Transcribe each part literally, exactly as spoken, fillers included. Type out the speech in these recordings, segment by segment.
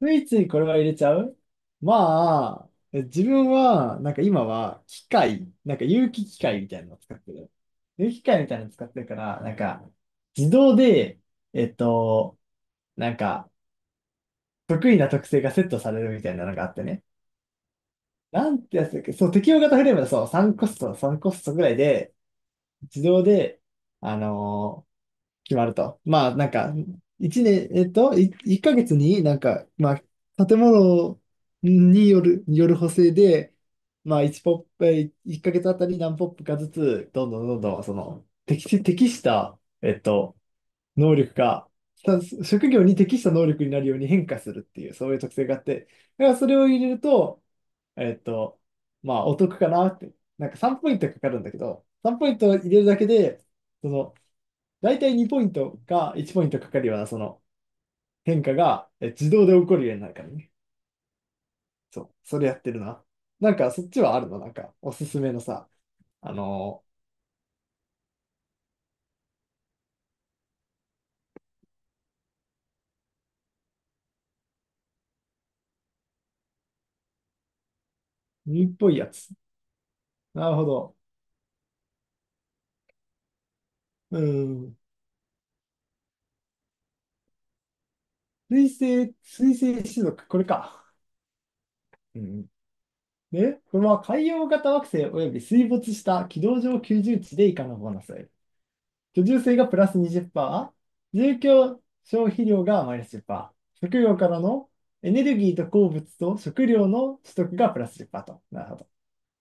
ついついこれは入れちゃう。まあ、自分は、なんか今は、機械、なんか有機機械みたいなのを使ってる。有機機械みたいなの使ってるから、なんか、自動で、えっと、なんか、得意な特性がセットされるみたいなのがあってね。なんてやつだっけ。そう、適用型フレームだ。そう、3コスト、3コストぐらいで、自動で、あの決まると。まあ、なんか、一年、えっと、い一ヶ月になんか、まあ、建物による、による補正で、まあ、一ポップ、えー一ヶ月あたり何ポップかずつ、どんどんどんどん、その、適し、適した、えっと、能力が、た職業に適した能力になるように変化するっていう、そういう特性があって、だからそれを入れると、えっと、まあ、お得かなって。なんかさんポイントかかるんだけど、さんポイント入れるだけで、その、大体にポイントかいちポイントかかるようなその変化がえ自動で起こるようになるからね。そう、それやってるな。なんかそっちはあるの、なんかおすすめのさ。あのー、海っぽいやつ。なるほど。うん。水生、水生種族、これか。うん。で、これは海洋型惑星及び水没した軌道上居住地で以下のボーナス。居住税がプラスにじゅうパーセント、住居消費量がマイナスじゅっパーセント、食料からのエネルギーと鉱物と食料の取得がプラスじゅっパーセントと。なるほど。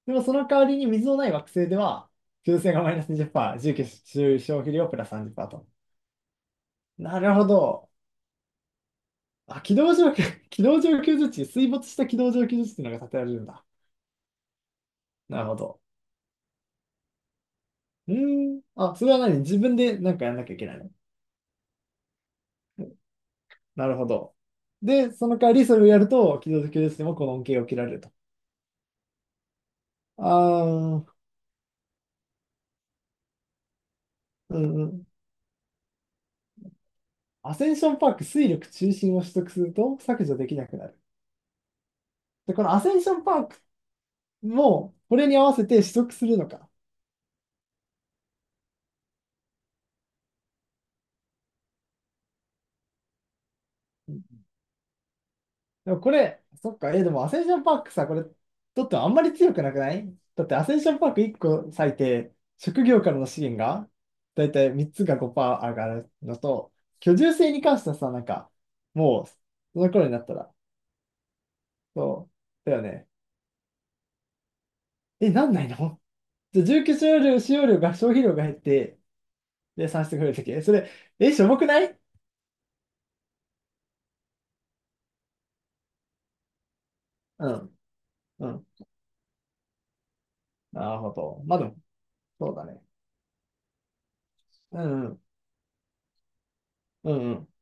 でもその代わりに水のない惑星では、居住性がマイナスにじゅっパーセント、住居消費量プラスさんじゅっパーセントと。なるほど。あ、軌道上、軌道上居住地、水没した軌道上居住地っていうのが建てられるんだ。なるほど。うーん。あ、それは何、自分でなんかやんなきゃいけないの？なるほど。で、その代わりそれをやると、軌道上居住地でもこの恩恵を受けられると。ああ、うんうん。アセンションパーク、水力中心を取得すると削除できなくなる。で、このアセンションパークも、これに合わせて取得するのか。うん。でもこれ、そっか、え、でもアセンションパークさ、これ、とってもあんまり強くなくない？だってアセンションパークいっこ割いて、職業からの資源が、だいたいみっつがごパーセント上がるのと、居住性に関してはさ、なんか、もう、その頃になったら、そう、だよね。え、なんないの？じゃあ住居使用量、使用量が、消費量が減って、で、算出が増えるとき。えそれ、え、しょぼくない？うん。うん。なるほど。まあでも、そうだね。うん、うん。うんうん。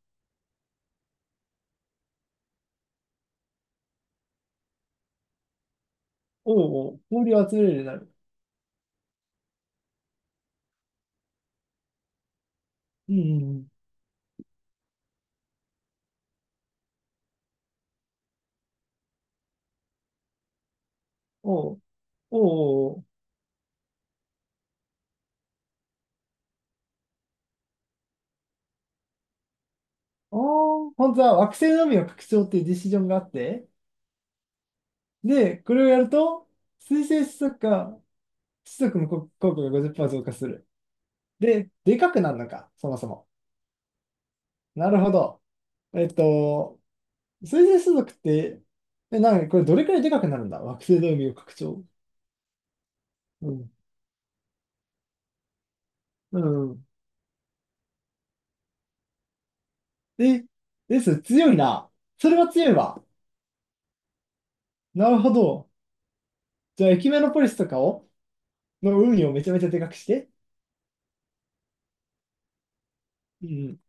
おうおう、氷を集めるようになる。うんうんうん。おう、おう、おう。ああ、本当は惑星の海を拡張っていうディシジョンがあって、で、これをやると、水星子息か子息の効効果がごじゅっパーセント増加する。で、でかくなるのか、そもそも。なるほど。えっと、水星子息って、え、なんかこれどれくらいでかくなるんだ、惑星の海を拡張。うんうん。え、です、強いな。それは強いわ。なるほど。じゃあ、エキメノポリスとかを、の海をめちゃめちゃでかくして。うん。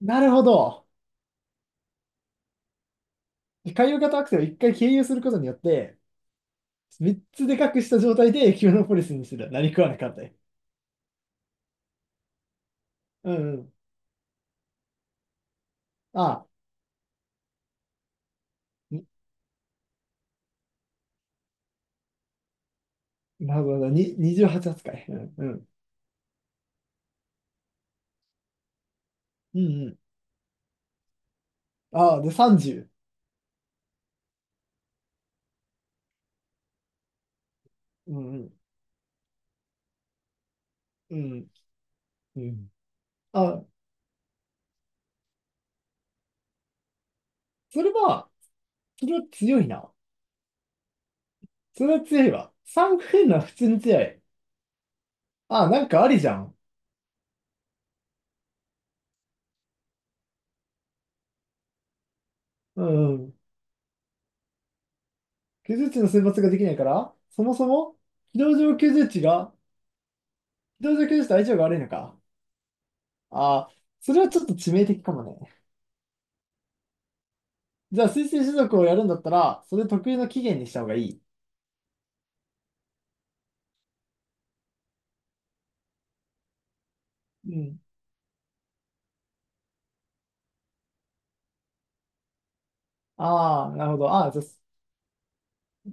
なるほど。で、海洋型惑星を一回経由することによって、三つでかくした状態でエキメノポリスにする。何食わなかったよ。うんうん。あに、なるほど。ににじゅうはち扱い。うんうん。うんうん。ああ、で、さんじゅう。うんうん。うんうん。あ、それは、それは強いな。それは強いわ。三フェンは普通に強い。あ、なんかありじゃん。うんうん。居住地の選抜ができないから、そもそも、非同上居住地が、非同情居住地と相性が悪いのか。ああ、それはちょっと致命的かもね。じゃあ、推薦種族をやるんだったら、それ得意の起源にした方がいい。うん。ああ、なるほど。ああ、じゃ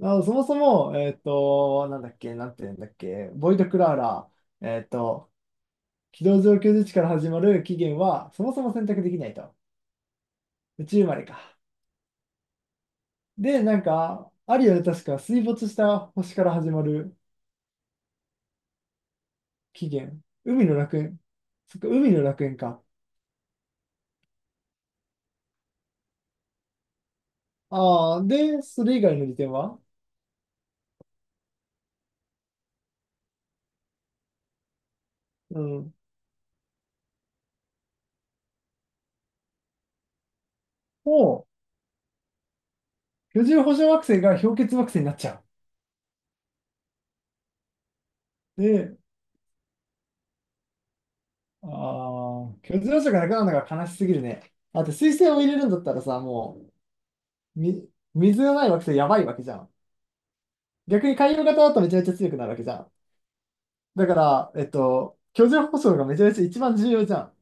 あ、あそもそも、えっと、なんだっけ、なんて言うんだっけ、ボイド・クラーラ、えっと、非同情居住地から始まる起源は、そもそも選択できないと。宇宙生まれか。で、なんか、アリアで確か水没した星から始まる起源。海の楽園。そっか、海の楽園か。ああ、で、それ以外の利点は？うん。もう、居住保障惑星が氷結惑星になっちゃう。で、ああ、居住保障がなくなるのが悲しすぎるね。あと、水星を入れるんだったらさ、もう、み、水がない惑星やばいわけじゃん。逆に海洋型だとめちゃめちゃ強くなるわけじゃん。だから、えっと、居住保障がめちゃめちゃ一番重要じゃん。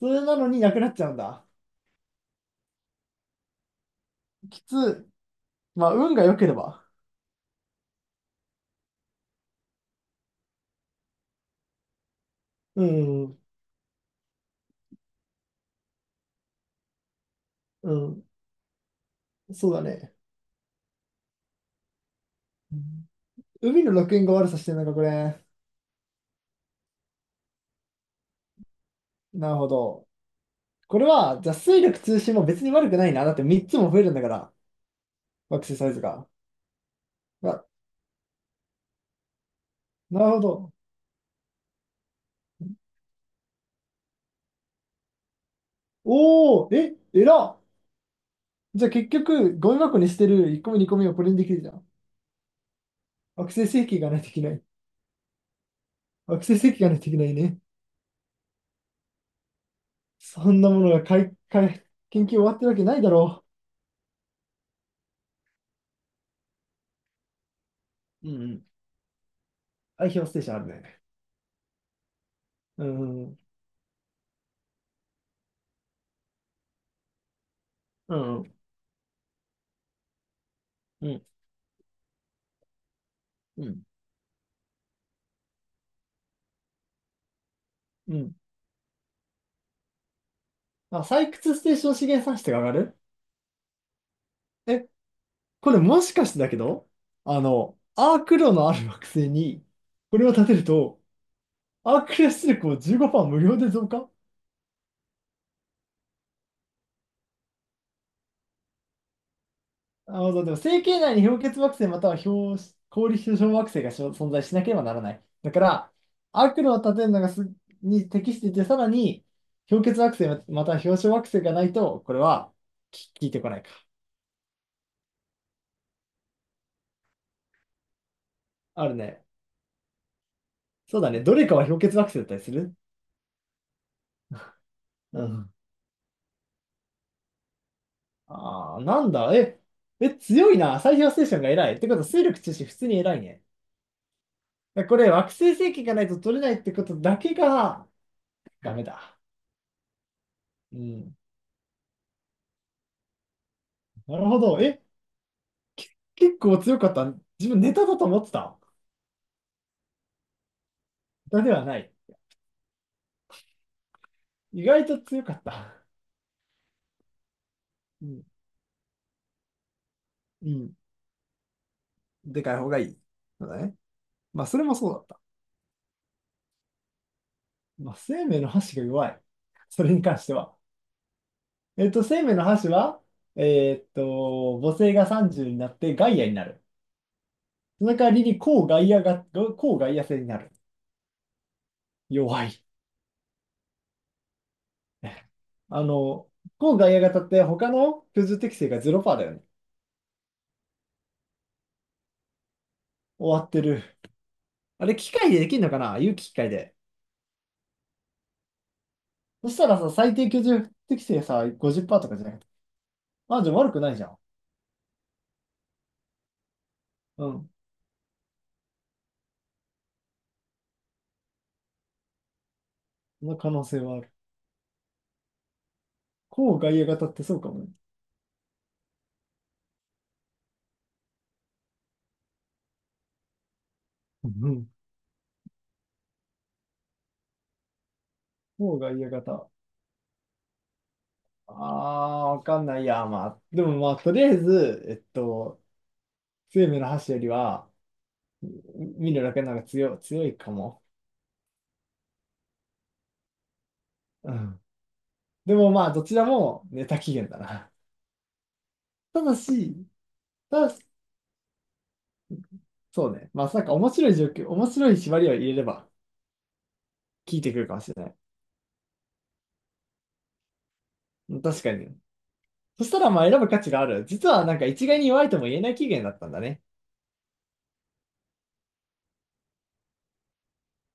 それなのになくなっちゃうんだ。きつ、まあ、運が良ければ。うん、うん、そうだね。うん。海の楽園が悪さしてるのか、これ。なるほど。これは、じゃあ、水力通信も別に悪くないな。だってみっつも増えるんだから、惑星サイズが。あ、なるほど。おー、え、えらっ。じゃあ結局、ゴミ箱にしてるいっこめにこめをこれにできるじゃん。惑星石器がないといけない。惑星石器がないといけないね。そんなものがかいかい研究終わってるわけないだろう。うんうん。アイヒョステーションあるね。うん、うん、うん、うん。うんうん。うん。あ、採掘ステーション資源産出が上がる。え、これもしかしてだけど、あの、アーク炉のある惑星に、これを建てると、アークレ出力をじゅうごパーセント無料で増加。あの、でも、星系内に氷結惑星または氷、氷結晶惑星がしょ存在しなければならない。だから、アーク炉を建てるのがすに適していて、さらに、氷結惑星または氷晶惑星がないと、これは、き聞いてこないか。あるね。そうだね。どれかは氷結惑星だったりする。うん。ああ、なんだ、え、え、強いな。最強ステーションが偉い。ってことは、水力中心普通に偉いね。これ、惑星星系がないと取れないってことだけが、ダメだ。うん。なるほど。え、結構強かった。自分ネタだと思ってた。ネタではない。意外と強かった。うん。うん。でかい方がいい。そうだね。まあ、それもそうだった。まあ、生命の箸が弱い。それに関しては。えっと、生命の箸は、えーっと、母性がさんじゅうになってガイアになる。その代わりに、抗外野が、抗外野性になる。弱い。あの、抗外野型って他の居住適性がゼロパーセントだよね。終わってる。あれ、機械でできるのかな、有機機械で。そしたらさ、最低居住適性さ、ごじゅっパーセントとかじゃなくて。あ、じゃあ悪くないじゃん。うん。その可能性はある。抗外野型ってそうかもね。うんう抗外野型。ああ、わかんないや。まあ、でもまあ、とりあえず、えっと、生命の箸よりは、見るだけなんか強強いかも。うん。でもまあ、どちらもネタ期限だな。ただし、ただ、そうね。まあ、なんか面白い状況、面白い縛りを入れれば、効いてくるかもしれない。確かに。そしたらまあ、選ぶ価値がある。実はなんか一概に弱いとも言えない期限だったんだね。